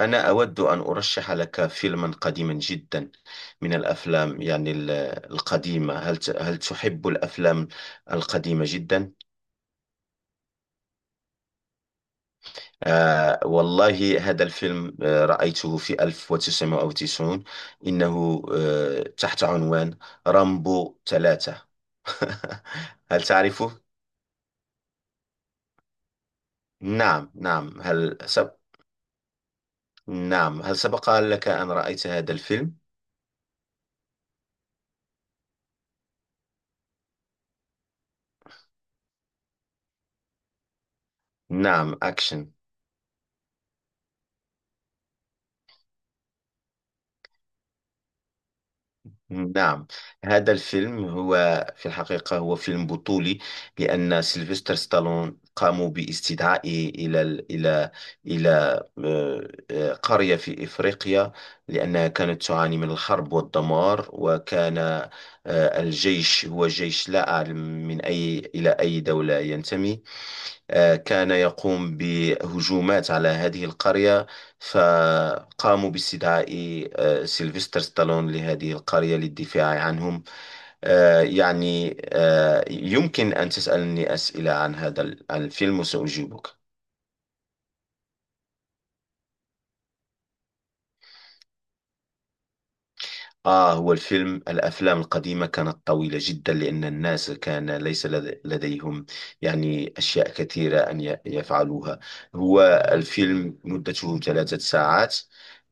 أنا أود أن أرشح لك فيلما قديما جدا من الأفلام القديمة. هل تحب الأفلام القديمة جدا؟ آه والله، هذا الفيلم آه رأيته في 1990. إنه تحت عنوان رامبو ثلاثة. هل تعرفه؟ نعم نعم. نعم، هل سبق لك أن رأيت هذا الفيلم؟ نعم، أكشن. نعم، هذا الفيلم هو في الحقيقة هو فيلم بطولي، لأن سيلفستر ستالون قاموا باستدعائه إلى ال- إلى إلى قرية في إفريقيا، لأنها كانت تعاني من الحرب والدمار، وكان الجيش هو جيش لا أعلم من أي إلى أي دولة ينتمي. كان يقوم بهجومات على هذه القرية، فقاموا باستدعاء سيلفستر ستالون لهذه القرية للدفاع عنهم. يمكن أن تسألني أسئلة عن عن الفيلم وسأجيبك. آه، هو الفيلم، الأفلام القديمة كانت طويلة جدا، لأن الناس كان ليس لد- لديهم يعني أشياء كثيرة أن يفعلوها. هو الفيلم مدته ثلاثة ساعات.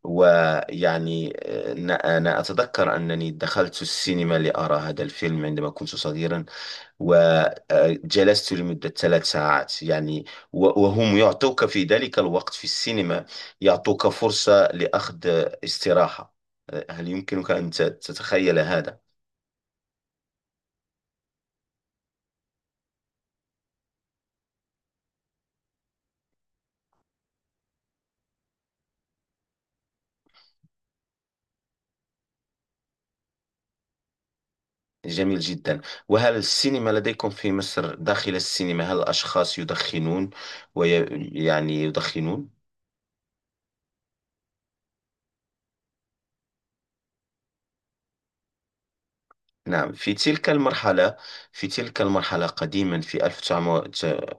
ويعني أنا أتذكر أنني دخلت السينما لأرى هذا الفيلم عندما كنت صغيرا، وجلست لمدة ثلاث ساعات يعني. وهم يعطوك في ذلك الوقت في السينما، يعطوك فرصة لأخذ استراحة. هل يمكنك أن تتخيل هذا؟ جميل جدا. وهل السينما لديكم في مصر، داخل السينما هل الأشخاص يدخنون ويعني يدخنون؟ نعم، في تلك المرحلة، في تلك المرحلة قديما في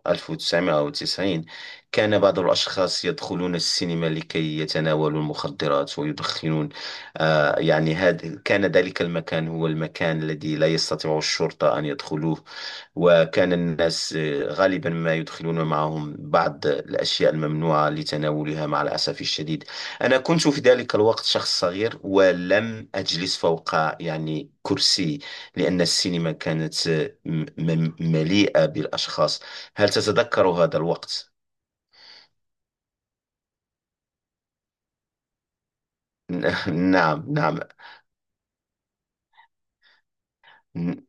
1990 كان بعض الأشخاص يدخلون السينما لكي يتناولوا المخدرات ويدخنون. هذا كان، ذلك المكان هو المكان الذي لا يستطيع الشرطة أن يدخلوه، وكان الناس غالبا ما يدخلون معهم بعض الأشياء الممنوعة لتناولها مع الأسف الشديد. أنا كنت في ذلك الوقت شخص صغير ولم أجلس فوق يعني كرسي، لأن السينما كانت مليئة بالأشخاص. هل تتذكر هذا الوقت؟ نعم نعم. م-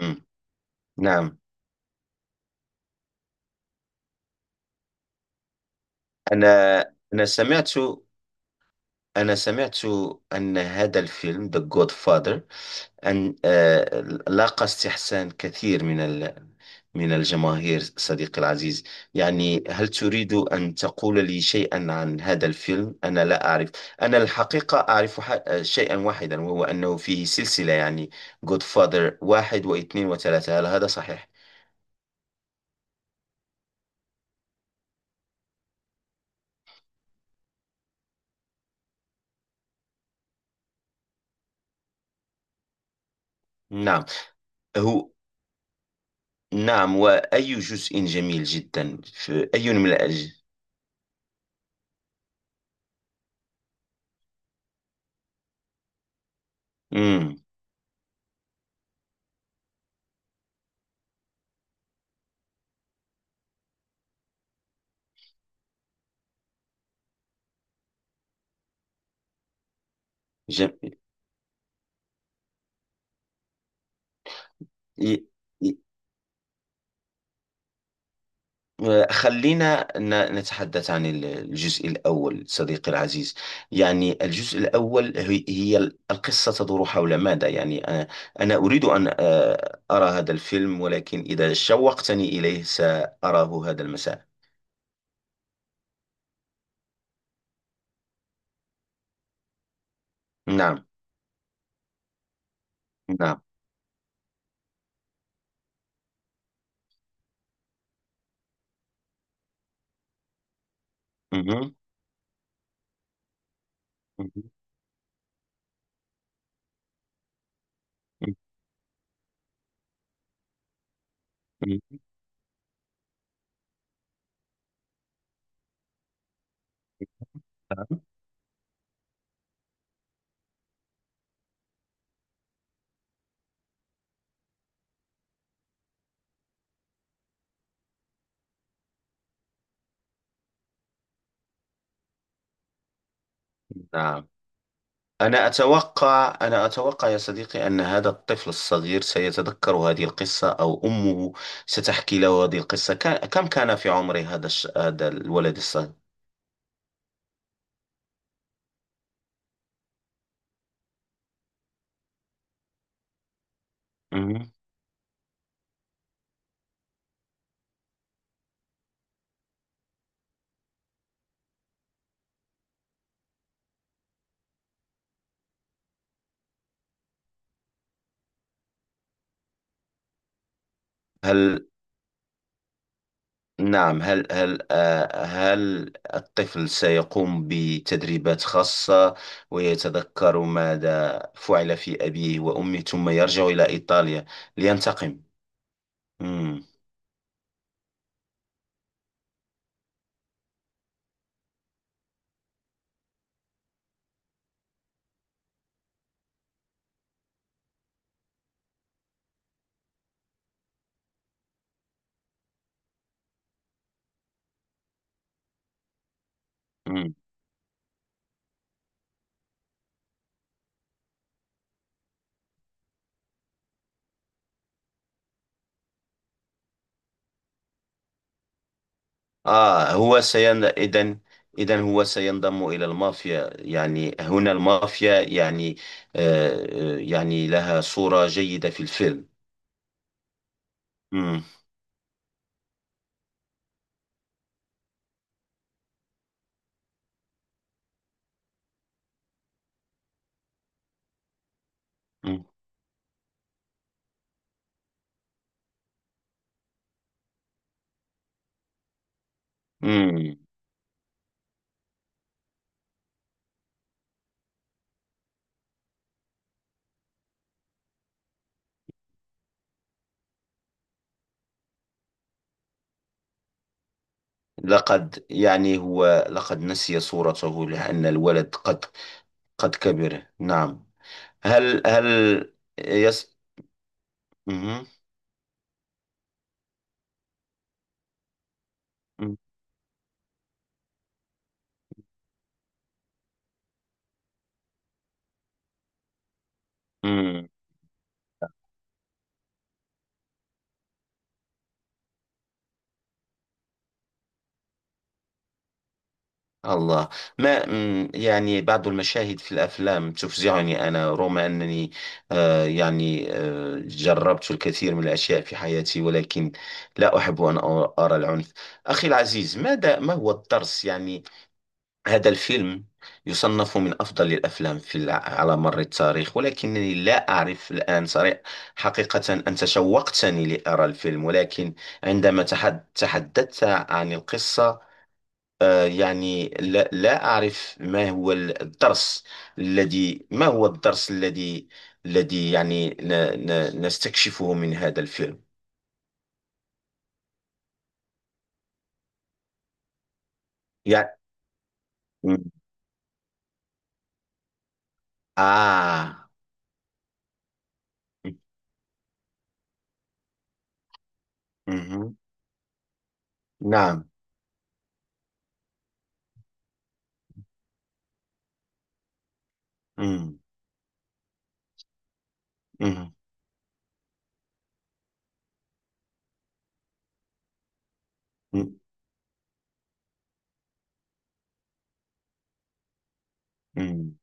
م- نعم. أنا أنا سمعت أنا سمعت أن هذا الفيلم The Godfather، أن لاقى استحسان كثير من الجماهير، صديقي العزيز. يعني، هل تريد أن تقول لي شيئا عن هذا الفيلم؟ أنا لا أعرف، أنا الحقيقة أعرف شيئا واحدا، وهو أنه فيه سلسلة يعني Godfather واحد واثنين وثلاثة. هل هذا صحيح؟ نعم. هو نعم. وأي جزء جميل جدا في أي من مم. جم... خلينا نتحدث عن الجزء الأول، صديقي العزيز. يعني الجزء الأول، هي القصة تدور حول ماذا؟ أنا أريد أن أرى هذا الفيلم، ولكن إذا شوقتني إليه سأراه هذا المساء. نعم نعم. مهم. مهم. مهم. نعم. نعم. أنا أتوقع، أنا أتوقع يا صديقي أن هذا الطفل الصغير سيتذكر هذه القصة، أو أمه ستحكي له هذه القصة. كان كم كان في عمر هذا الولد الصغير؟ مهم. هل نعم هل هل آه، هل الطفل سيقوم بتدريبات خاصة ويتذكر ماذا فعل في أبيه وأمه، ثم يرجع إلى إيطاليا لينتقم؟ مم. آه، هو سين إذن، إذن هو سينضم إلى المافيا. يعني هنا المافيا يعني يعني لها صورة جيدة في الفيلم. مم. مم. مم. لقد يعني هو لقد نسي صورته، لأن الولد قد قد كبر، نعم. هل هل يس. مم. مم. الله. ما مم، يعني بعض المشاهد في الأفلام تفزعني، أنا رغم أنني جربت الكثير من الأشياء في حياتي، ولكن لا أحب أن أرى العنف. أخي العزيز، ما هو الدرس؟ يعني هذا الفيلم يصنف من أفضل الأفلام على مر التاريخ، ولكنني لا أعرف الآن صريح حقيقة. أنت شوقتني لأرى الفيلم، ولكن عندما تحدثت عن القصة لا أعرف ما هو الدرس الذي، ما هو الدرس الذي، الذي يعني نستكشفه من هذا الفيلم؟ يعني آه. مهم. نعم. مم. مهم. مم.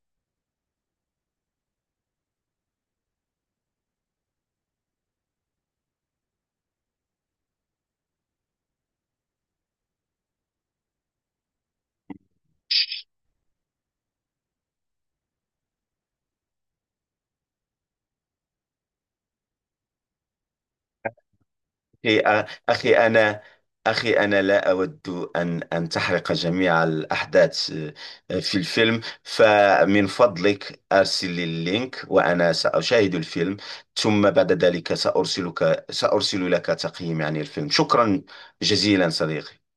أخي، أخي أنا أخي أنا لا أود أن أن تحرق جميع الأحداث في الفيلم. فمن فضلك أرسل لي اللينك وأنا سأشاهد الفيلم، ثم بعد ذلك سأرسل لك تقييمي عن الفيلم. شكرا جزيلا صديقي.